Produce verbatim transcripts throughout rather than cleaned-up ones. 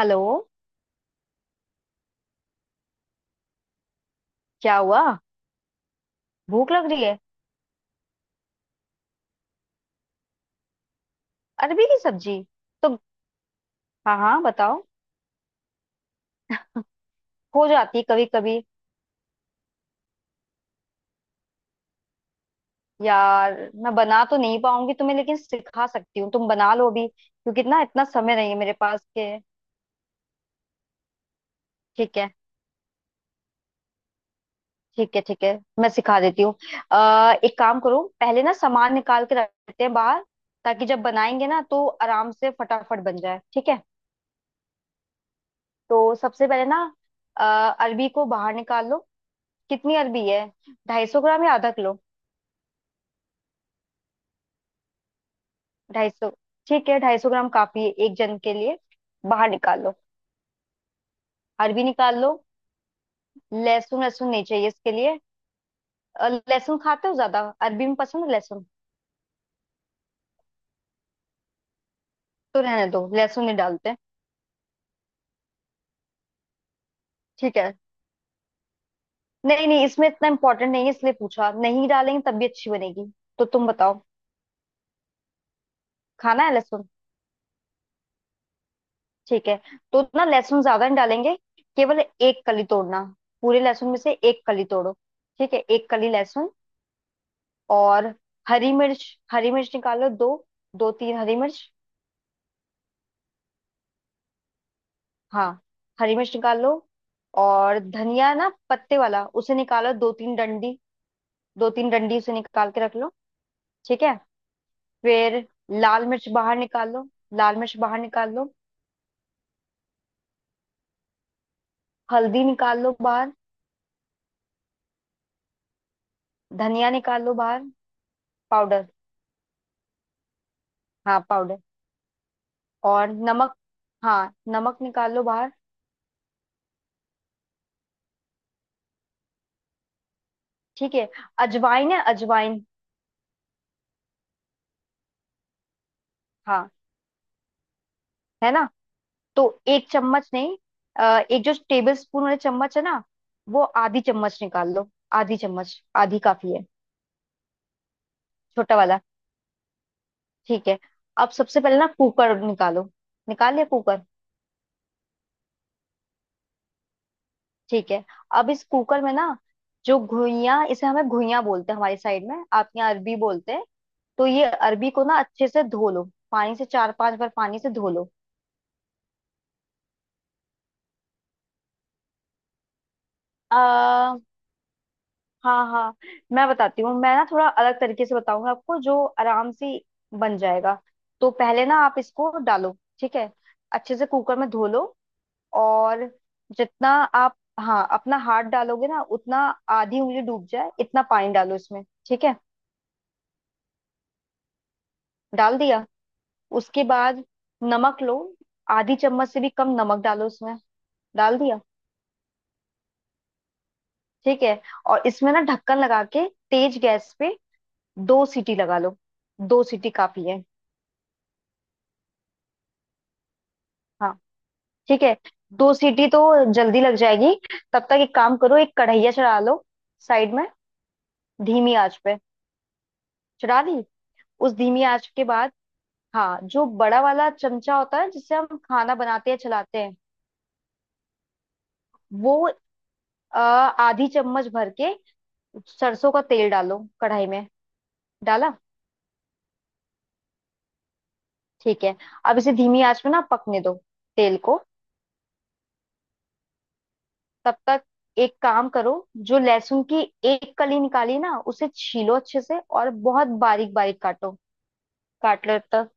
Hello. क्या हुआ? भूख लग रही है? अरबी की सब्जी? तो हाँ हाँ बताओ। हो जाती है कभी कभी। यार, मैं बना तो नहीं पाऊंगी तुम्हें, लेकिन सिखा सकती हूँ। तुम बना लो अभी, क्योंकि ना इतना समय नहीं है मेरे पास के। ठीक है ठीक है ठीक है, मैं सिखा देती हूँ। अः एक काम करो, पहले ना सामान निकाल के रखते हैं बाहर, ताकि जब बनाएंगे ना तो आराम से फटाफट बन जाए। ठीक है तो सबसे पहले ना अ, अरबी को बाहर निकाल लो। कितनी अरबी है? ढाई सौ ग्राम या आधा किलो? ढाई सौ? ठीक है, ढाई सौ ग्राम काफी है एक जन के लिए। बाहर निकाल लो, अरबी निकाल लो। लहसुन, लहसुन नहीं चाहिए इसके लिए। अ, लहसुन खाते हो ज्यादा? अरबी में पसंद है लहसुन? तो रहने दो, लहसुन नहीं डालते। ठीक है, नहीं नहीं, इसमें इतना इम्पोर्टेंट नहीं है, इसलिए पूछा। नहीं डालेंगे तब भी अच्छी बनेगी। तो तुम बताओ, खाना है लहसुन? ठीक है, तो ना लहसुन ज्यादा नहीं डालेंगे, केवल एक कली तोड़ना। पूरे लहसुन में से एक कली तोड़ो। ठीक है, एक कली लहसुन। और हरी मिर्च, हरी मिर्च निकालो दो, दो तीन हरी मिर्च। हाँ, हरी मिर्च निकाल लो। और धनिया ना, पत्ते वाला, उसे निकालो दो तीन डंडी। दो तीन डंडी उसे निकाल के रख लो। ठीक है, फिर लाल मिर्च बाहर निकाल लो। लाल मिर्च बाहर निकाल लो। हल्दी निकाल लो बाहर। धनिया निकाल लो बाहर, पाउडर। हाँ पाउडर। और नमक, हाँ नमक निकाल लो बाहर। ठीक है, अजवाइन है? अजवाइन, हाँ, है ना? तो एक चम्मच नहीं, अ, एक जो टेबल स्पून वाले चम्मच है ना, वो आधी चम्मच निकाल लो। आधी चम्मच, आधी काफी है। छोटा वाला। ठीक है, अब सबसे पहले ना कुकर निकालो। निकाल लिया कुकर? ठीक है, अब इस कुकर में ना, जो घुइयां, इसे हमें घुइयां बोलते हैं हमारी साइड में, आप यहाँ अरबी बोलते हैं, तो ये अरबी को ना अच्छे से धो लो। पानी से, चार पांच बार पानी से धो लो। आ, हाँ हाँ, मैं बताती हूँ। मैं ना थोड़ा अलग तरीके से बताऊंगा आपको, जो आराम से बन जाएगा। तो पहले ना आप इसको डालो, ठीक है, अच्छे से कुकर में धो लो। और जितना आप, हाँ, अपना हाथ डालोगे ना, उतना, आधी उंगली डूब जाए, इतना पानी डालो इसमें। ठीक है, डाल दिया? उसके बाद नमक लो, आधी चम्मच से भी कम नमक डालो उसमें। डाल दिया? ठीक है, और इसमें ना ढक्कन लगा के तेज गैस पे दो सीटी लगा लो। दो सीटी काफी है। हाँ ठीक है, दो सीटी तो जल्दी लग जाएगी। तब तक एक काम करो, एक कढ़ैया चढ़ा लो साइड में, धीमी आंच पे। चढ़ा दी? उस धीमी आंच के बाद, हाँ, जो बड़ा वाला चमचा होता है जिससे हम खाना बनाते हैं, चलाते हैं, वो अ, आधी चम्मच भर के सरसों का तेल डालो कढ़ाई में। डाला? ठीक है, अब इसे धीमी आंच में ना पकने दो तेल को। तब तक एक काम करो, जो लहसुन की एक कली निकाली ना, उसे छीलो अच्छे से और बहुत बारीक बारीक काटो। काट लो तक,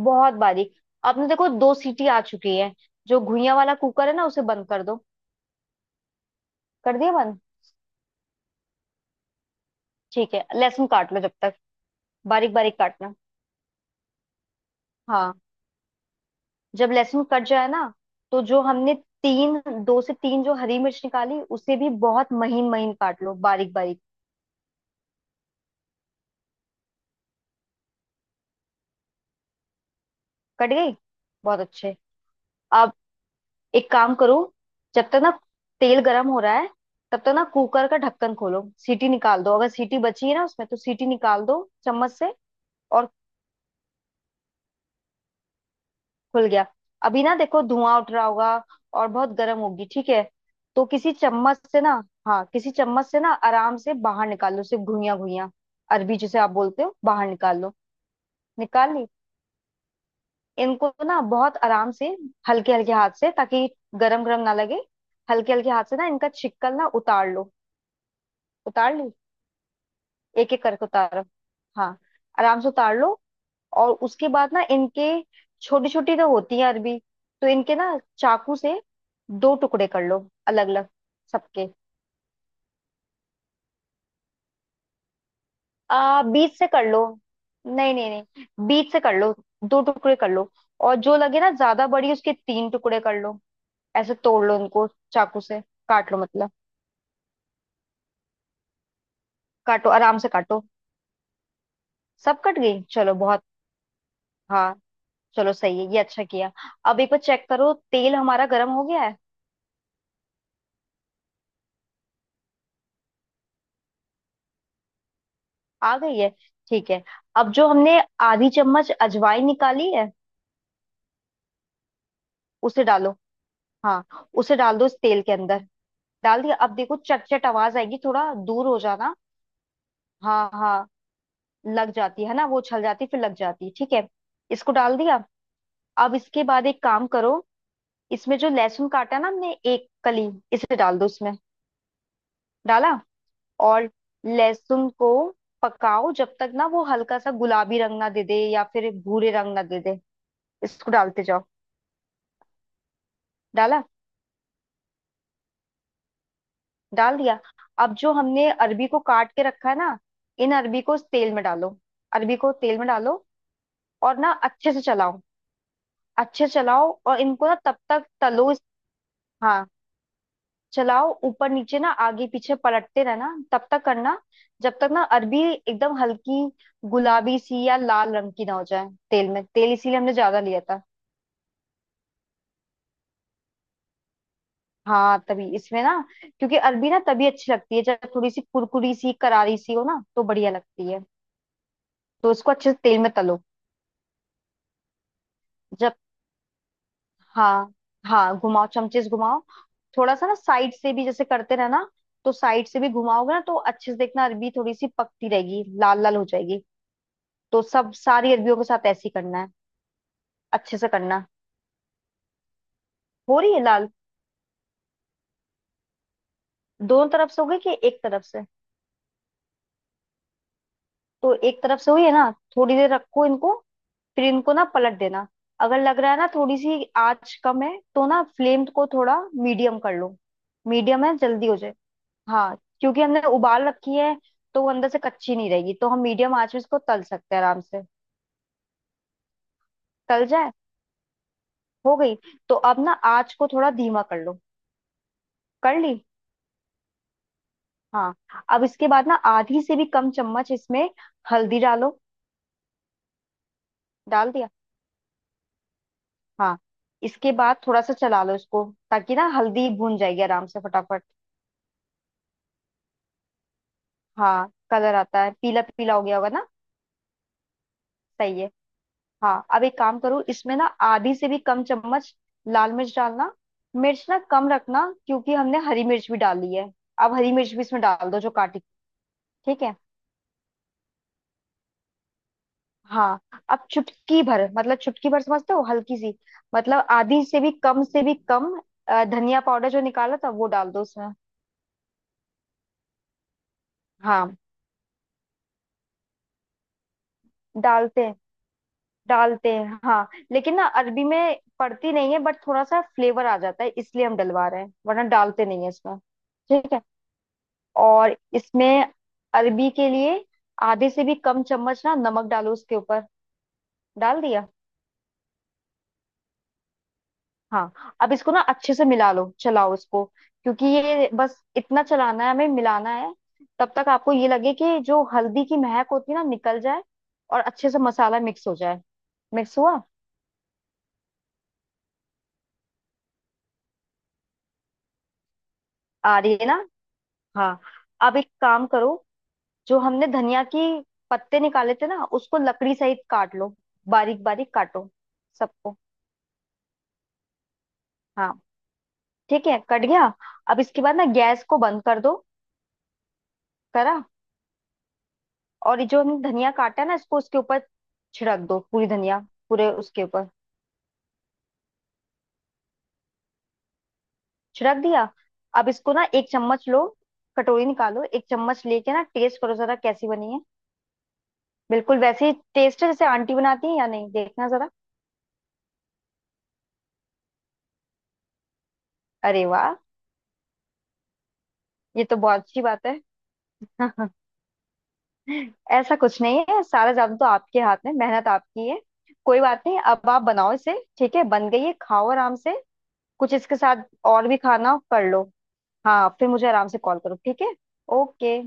बहुत बारीक। आपने देखो, दो सीटी आ चुकी है, जो घुइयां वाला कुकर है ना, उसे बंद कर दो। कर दिया बंद? ठीक है, लहसुन काट लो जब तक, बारीक बारीक काटना। हाँ, जब लहसुन कट जाए ना, तो जो हमने तीन, दो से तीन जो हरी मिर्च निकाली, उसे भी बहुत महीन महीन काट लो, बारीक बारीक। कट गई, बहुत अच्छे। अब एक काम करो, जब तक ना तेल गरम हो रहा है, तब तक ना कुकर का ढक्कन खोलो, सीटी निकाल दो, अगर सीटी बची है ना उसमें तो सीटी निकाल दो चम्मच से। और खुल गया? अभी ना देखो, धुआं उठ रहा होगा और बहुत गर्म होगी। ठीक है, तो किसी चम्मच से ना, हाँ, किसी चम्मच से ना आराम से बाहर निकाल लो सिर्फ घुइयां, घुइयां, अरबी, जिसे आप बोलते हो, बाहर निकाल लो। निकाल ली? इनको ना बहुत आराम से, हल्के हल्के हाथ से, ताकि गरम गरम ना लगे, हल्के हल्के हाथ से ना इनका छिक्कल ना उतार लो। उतार ली? एक एक करके उतारो। हाँ, आराम से उतार लो। और उसके बाद ना इनके, छोटी छोटी तो होती है अरबी, तो इनके ना चाकू से दो टुकड़े कर लो, अलग अलग सबके। आ बीच से कर लो, नहीं नहीं नहीं, बीच से कर लो, दो टुकड़े कर लो। और जो लगे ना ज्यादा बड़ी, उसके तीन टुकड़े कर लो, ऐसे तोड़ लो उनको, चाकू से काट लो, मतलब। काटो, आराम से काटो। सब कट गई? चलो बहुत, हाँ, चलो सही है, ये अच्छा किया। अब एक बार चेक करो, तेल हमारा गर्म हो गया है? आ गई है? ठीक है, अब जो हमने आधी चम्मच अजवाइन निकाली है, उसे डालो, हाँ, उसे डाल दो इस तेल के अंदर। डाल दिया? अब देखो, चट चट आवाज आएगी, थोड़ा दूर हो जाना। हाँ हाँ, लग जाती है ना, वो छल जाती, फिर लग जाती है। ठीक है, इसको डाल दिया। अब इसके बाद एक काम करो, इसमें जो लहसुन काटा ना हमने एक कली, इसे डाल दो इसमें। डाला? और लहसुन को पकाओ जब तक ना वो हल्का सा गुलाबी रंग ना दे दे, या फिर भूरे रंग ना दे दे। इसको डालते जाओ। डाला? डाल दिया? अब जो हमने अरबी को काट के रखा है ना, इन अरबी को इस तेल में डालो। अरबी को तेल में डालो और ना अच्छे से चलाओ। अच्छे से चलाओ, और इनको ना तब तक तलो इस-, हाँ, चलाओ ऊपर नीचे ना, आगे पीछे पलटते रहना, तब तक करना जब तक ना अरबी एकदम हल्की गुलाबी सी या लाल रंग की ना हो जाए तेल में। तेल इसीलिए हमने ज्यादा लिया था। हाँ, तभी इसमें ना, क्योंकि अरबी ना तभी अच्छी लगती है जब थोड़ी सी कुरकुरी सी, करारी सी हो ना, तो बढ़िया लगती है। तो इसको अच्छे से तेल में तलो। जब, हाँ, हाँ घुमाओ चमचे से, घुमाओ थोड़ा सा ना साइड से भी जैसे करते रहना। तो साइड से भी घुमाओगे ना, तो अच्छे से देखना, अरबी थोड़ी सी पकती रहेगी, लाल लाल हो जाएगी। तो सब सारी अरबियों के साथ ऐसे ही करना है। अच्छे से करना। हो रही है लाल? दोनों तरफ से हो गई कि एक तरफ से? तो एक तरफ से हुई है ना, थोड़ी देर रखो इनको, फिर इनको ना पलट देना। अगर लग रहा है ना थोड़ी सी आंच कम है, तो ना फ्लेम को थोड़ा मीडियम कर लो। मीडियम है, जल्दी हो जाए, हाँ, क्योंकि हमने उबाल रखी है, तो वो अंदर से कच्ची नहीं रहेगी, तो हम मीडियम आंच में इसको तल सकते हैं आराम से। तल जाए? हो गई? तो अब ना आंच को थोड़ा धीमा कर लो। कर ली? हाँ, अब इसके बाद ना आधी से भी कम चम्मच इसमें हल्दी डालो। डाल दिया? हाँ, इसके बाद थोड़ा सा चला लो इसको, ताकि ना हल्दी भून जाएगी आराम से फटाफट। हाँ, कलर आता है, पीला पीला हो गया होगा ना? सही है। हाँ, अब एक काम करो, इसमें ना आधी से भी कम चम्मच लाल मिर्च डालना। मिर्च ना कम रखना, क्योंकि हमने हरी मिर्च भी डाली है। अब हरी मिर्च भी इसमें डाल दो, जो काटी। ठीक है, हाँ। अब चुटकी भर, मतलब चुटकी भर समझते हो, हल्की सी, मतलब आधी से भी कम से भी कम अ, धनिया पाउडर जो निकाला था, वो डाल दो उसमें। हाँ, डालते हैं डालते हैं, हाँ, लेकिन ना अरबी में पड़ती नहीं है, बट थोड़ा सा फ्लेवर आ जाता है, इसलिए हम डलवा रहे हैं, वरना डालते नहीं है इसमें। ठीक है, और इसमें, अरबी के लिए आधे से भी कम चम्मच ना नमक डालो उसके ऊपर। डाल दिया? हाँ, अब इसको ना अच्छे से मिला लो, चलाओ इसको, क्योंकि ये बस इतना चलाना है, हमें मिलाना है, तब तक आपको ये लगे कि जो हल्दी की महक होती है ना, निकल जाए और अच्छे से मसाला मिक्स हो जाए। मिक्स हुआ? आ रही है ना? हाँ, अब एक काम करो, जो हमने धनिया की पत्ते निकाले थे ना, उसको लकड़ी सहित काट लो, बारीक बारीक काटो सबको। हाँ, ठीक है, कट गया। अब इसके बाद ना गैस को बंद कर दो। करा? और ये जो हमने धनिया काटा है ना, इसको उसके ऊपर छिड़क दो पूरी धनिया, पूरे उसके ऊपर। छिड़क दिया? अब इसको ना एक चम्मच लो, कटोरी निकालो, एक चम्मच लेके ना टेस्ट करो जरा, कैसी बनी है, बिल्कुल वैसे ही टेस्ट है जैसे आंटी बनाती है या नहीं, देखना जरा। अरे वाह, ये तो बहुत अच्छी बात है। ऐसा कुछ नहीं है, सारा जादू तो आपके हाथ में, मेहनत आपकी है। कोई बात नहीं, अब आप बनाओ इसे। ठीक है, बन गई है, खाओ आराम से, कुछ इसके साथ और भी खाना कर लो। हाँ, फिर मुझे आराम से कॉल करो। ठीक है, ओके।